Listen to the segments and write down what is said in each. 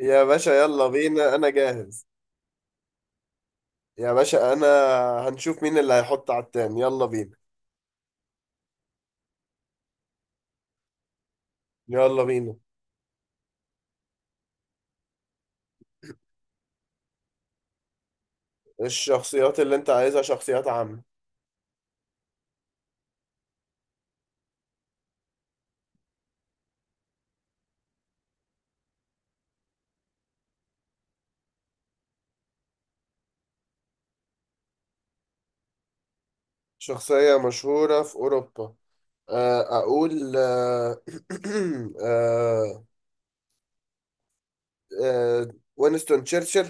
يا باشا يلا بينا انا جاهز. يا باشا هنشوف مين اللي هيحط على التاني، يلا بينا يلا بينا. الشخصيات اللي انت عايزها شخصيات عامة. شخصية مشهورة في اوروبا. آه، اقول آه، آه، آه، وينستون تشرشل.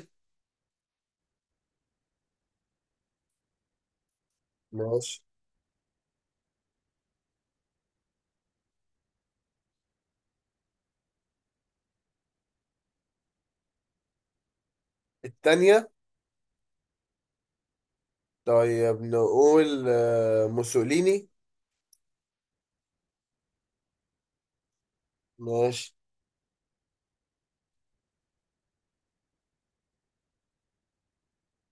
ماشي. التانية. طيب نقول موسوليني. ماشي.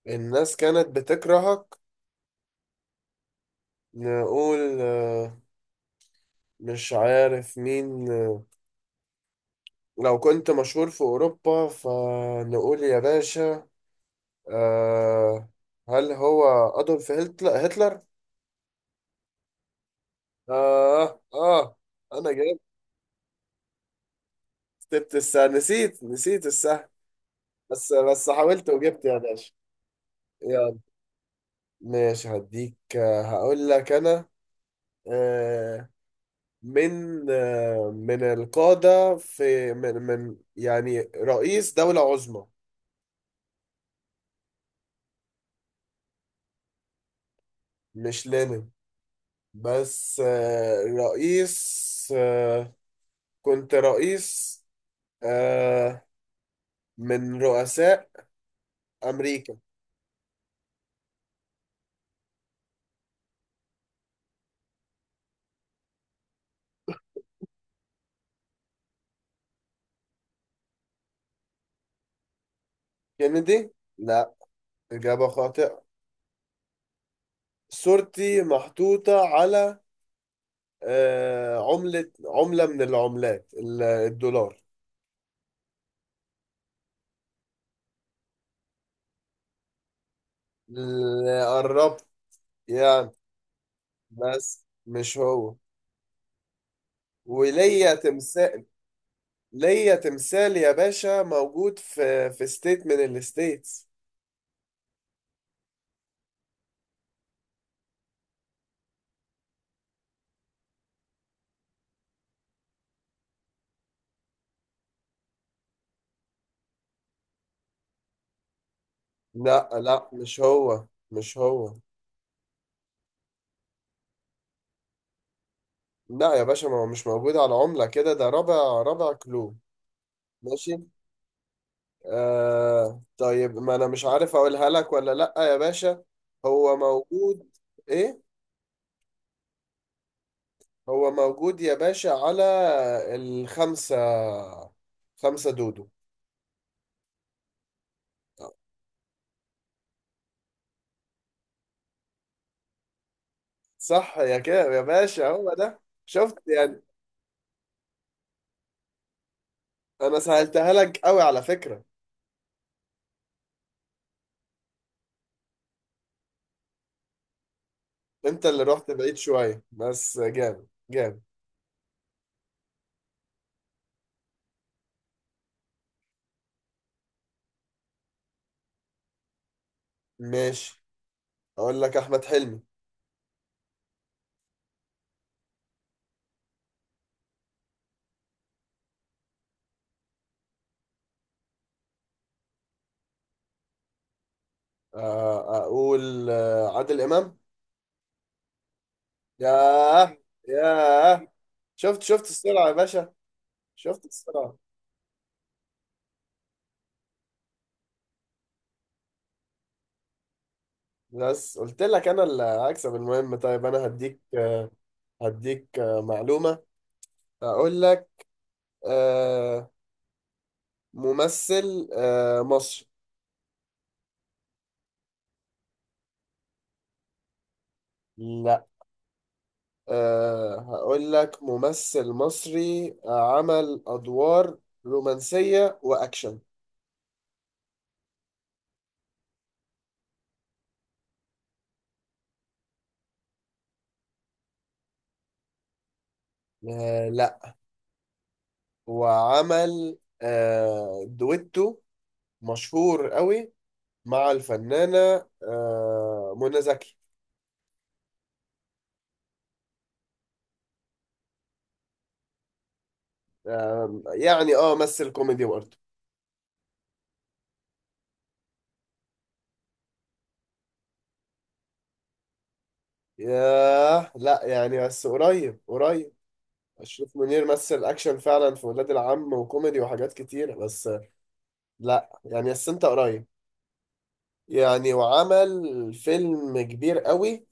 الناس كانت بتكرهك. نقول مش عارف مين. لو كنت مشهور في أوروبا فنقول يا باشا. آه هل هو أدولف هتلر؟ هتلر؟ آه آه أنا جبت. جبت الساعة، نسيت الساعة. بس حاولت وجبت يا باشا. يلا ماشي، هديك هقول لك أنا آه من القادة، في من من يعني رئيس دولة عظمى. مش لينين. بس رئيس كنت رئيس، آه من رؤساء أمريكا. كينيدي لا، إجابة خاطئة. صورتي محطوطة على عملة، من العملات الدولار. اللي قربت يعني، بس مش هو. وليا تمثال. ليا تمثال يا باشا، موجود في ستيت من الستيتس. لا لا، مش هو مش هو. لا يا باشا، ما هو مش موجود على عملة كده، ده رابع، رابع كلو. ماشي. طيب ما انا مش عارف اقولها لك ولا لا يا باشا. هو موجود. ايه، هو موجود يا باشا على الخمسة، خمسة دودو. صح يا كده يا باشا، هو ده. شفت يعني. انا سهلتها لك قوي على فكرة. انت اللي رحت بعيد شوية، بس جامد جامد. ماشي. اقول لك احمد حلمي. اقول عادل امام. ياه ياه، شفت شفت السرعة يا باشا. شفت الصراحة. بس قلت لك انا اللي هكسب. المهم، طيب انا هديك معلومة. اقول لك آه، ممثل مصري. لا. هقول لك ممثل مصري عمل ادوار رومانسية واكشن. لا. وعمل دويتو مشهور قوي مع الفنانة منى زكي. يعني اه مثل كوميدي برضه. ياه لا، يعني بس قريب قريب. أشرف منير مثل أكشن فعلا في ولاد العم، وكوميدي وحاجات كتير، بس لا يعني، بس أنت قريب يعني. وعمل فيلم كبير قوي،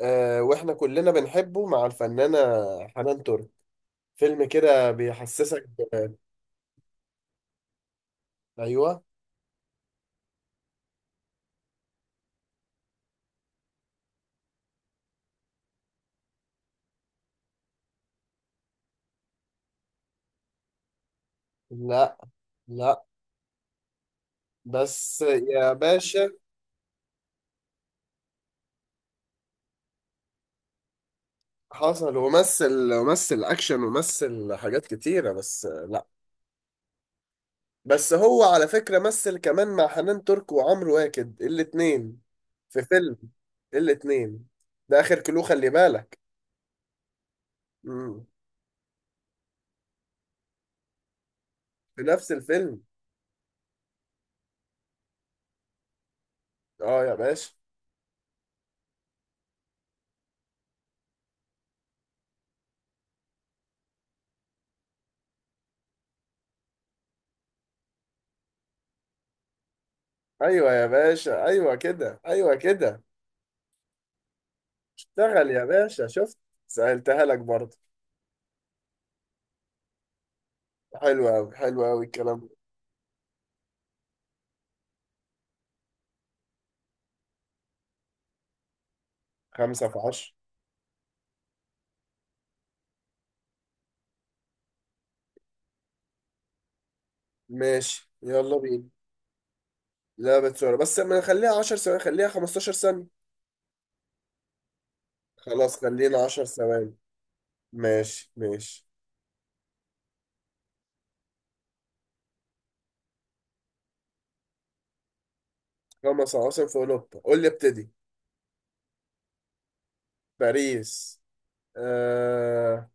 وإحنا كلنا بنحبه، مع الفنانة حنان ترك. فيلم كده بيحسسك ب- أيوه. لا لا، بس يا باشا حصل ومثل، أكشن ومثل حاجات كتيرة، بس. بس هو على فكرة مثل كمان مع حنان ترك وعمرو واكد الاتنين، في فيلم الاتنين. ده آخر كلو، خلي بالك. مم. في نفس الفيلم. اه يا باشا. ايوه يا باشا، ايوه كده ايوه كده. اشتغل يا باشا، شفت. سألتها لك برضه. حلو قوي حلو قوي الكلام ده. خمسة في عشرة. ماشي، يلا بينا. لعبة صورة، بس ما نخليها 10 ثواني، خليها 15 ثانية. خلاص، خلينا 10 ثواني. ماشي ماشي. خمس عواصم في أوروبا، قول لي ابتدي. باريس. آه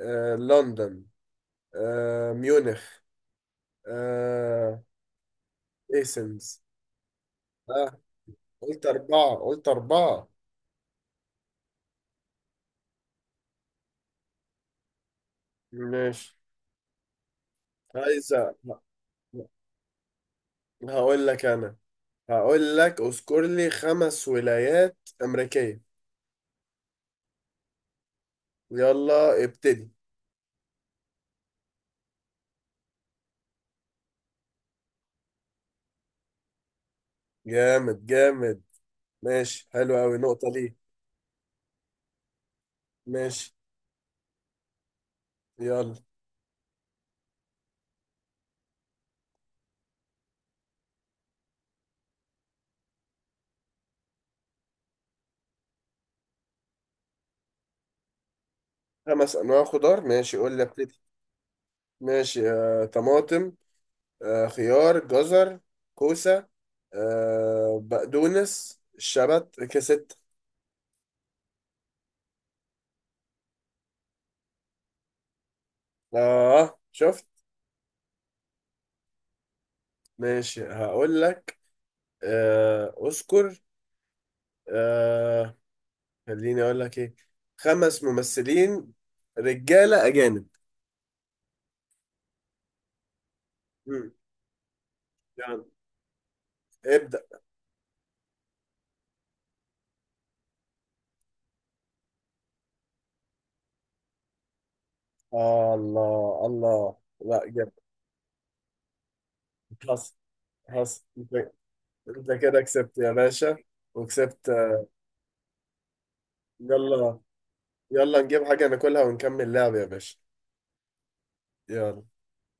لندن. ميونخ. آه ايسنز. آه قلت أربعة، قلت أربعة. ماشي. عايزة. هقول لك أنا، هقول لك اذكر لي خمس ولايات أمريكية. يلا ابتدي. جامد جامد. ماشي حلو أوي، نقطة ليه. ماشي يلا. خمس أنواع خضار. ماشي قول لي ابتدي. ماشي طماطم، خيار، جزر، كوسة، بقدونس، شبت، كست. اه شفت. ماشي، هقول لك اذكر آه خليني اقول لك ايه. خمس ممثلين رجالة اجانب. مم. يلا ابدأ. الله الله، لا جامد. حصل حصل انت. أنت كده كسبت يا باشا، وكسبت يلا. يلا نجيب حاجة ناكلها ونكمل لعب يا باشا. يلا.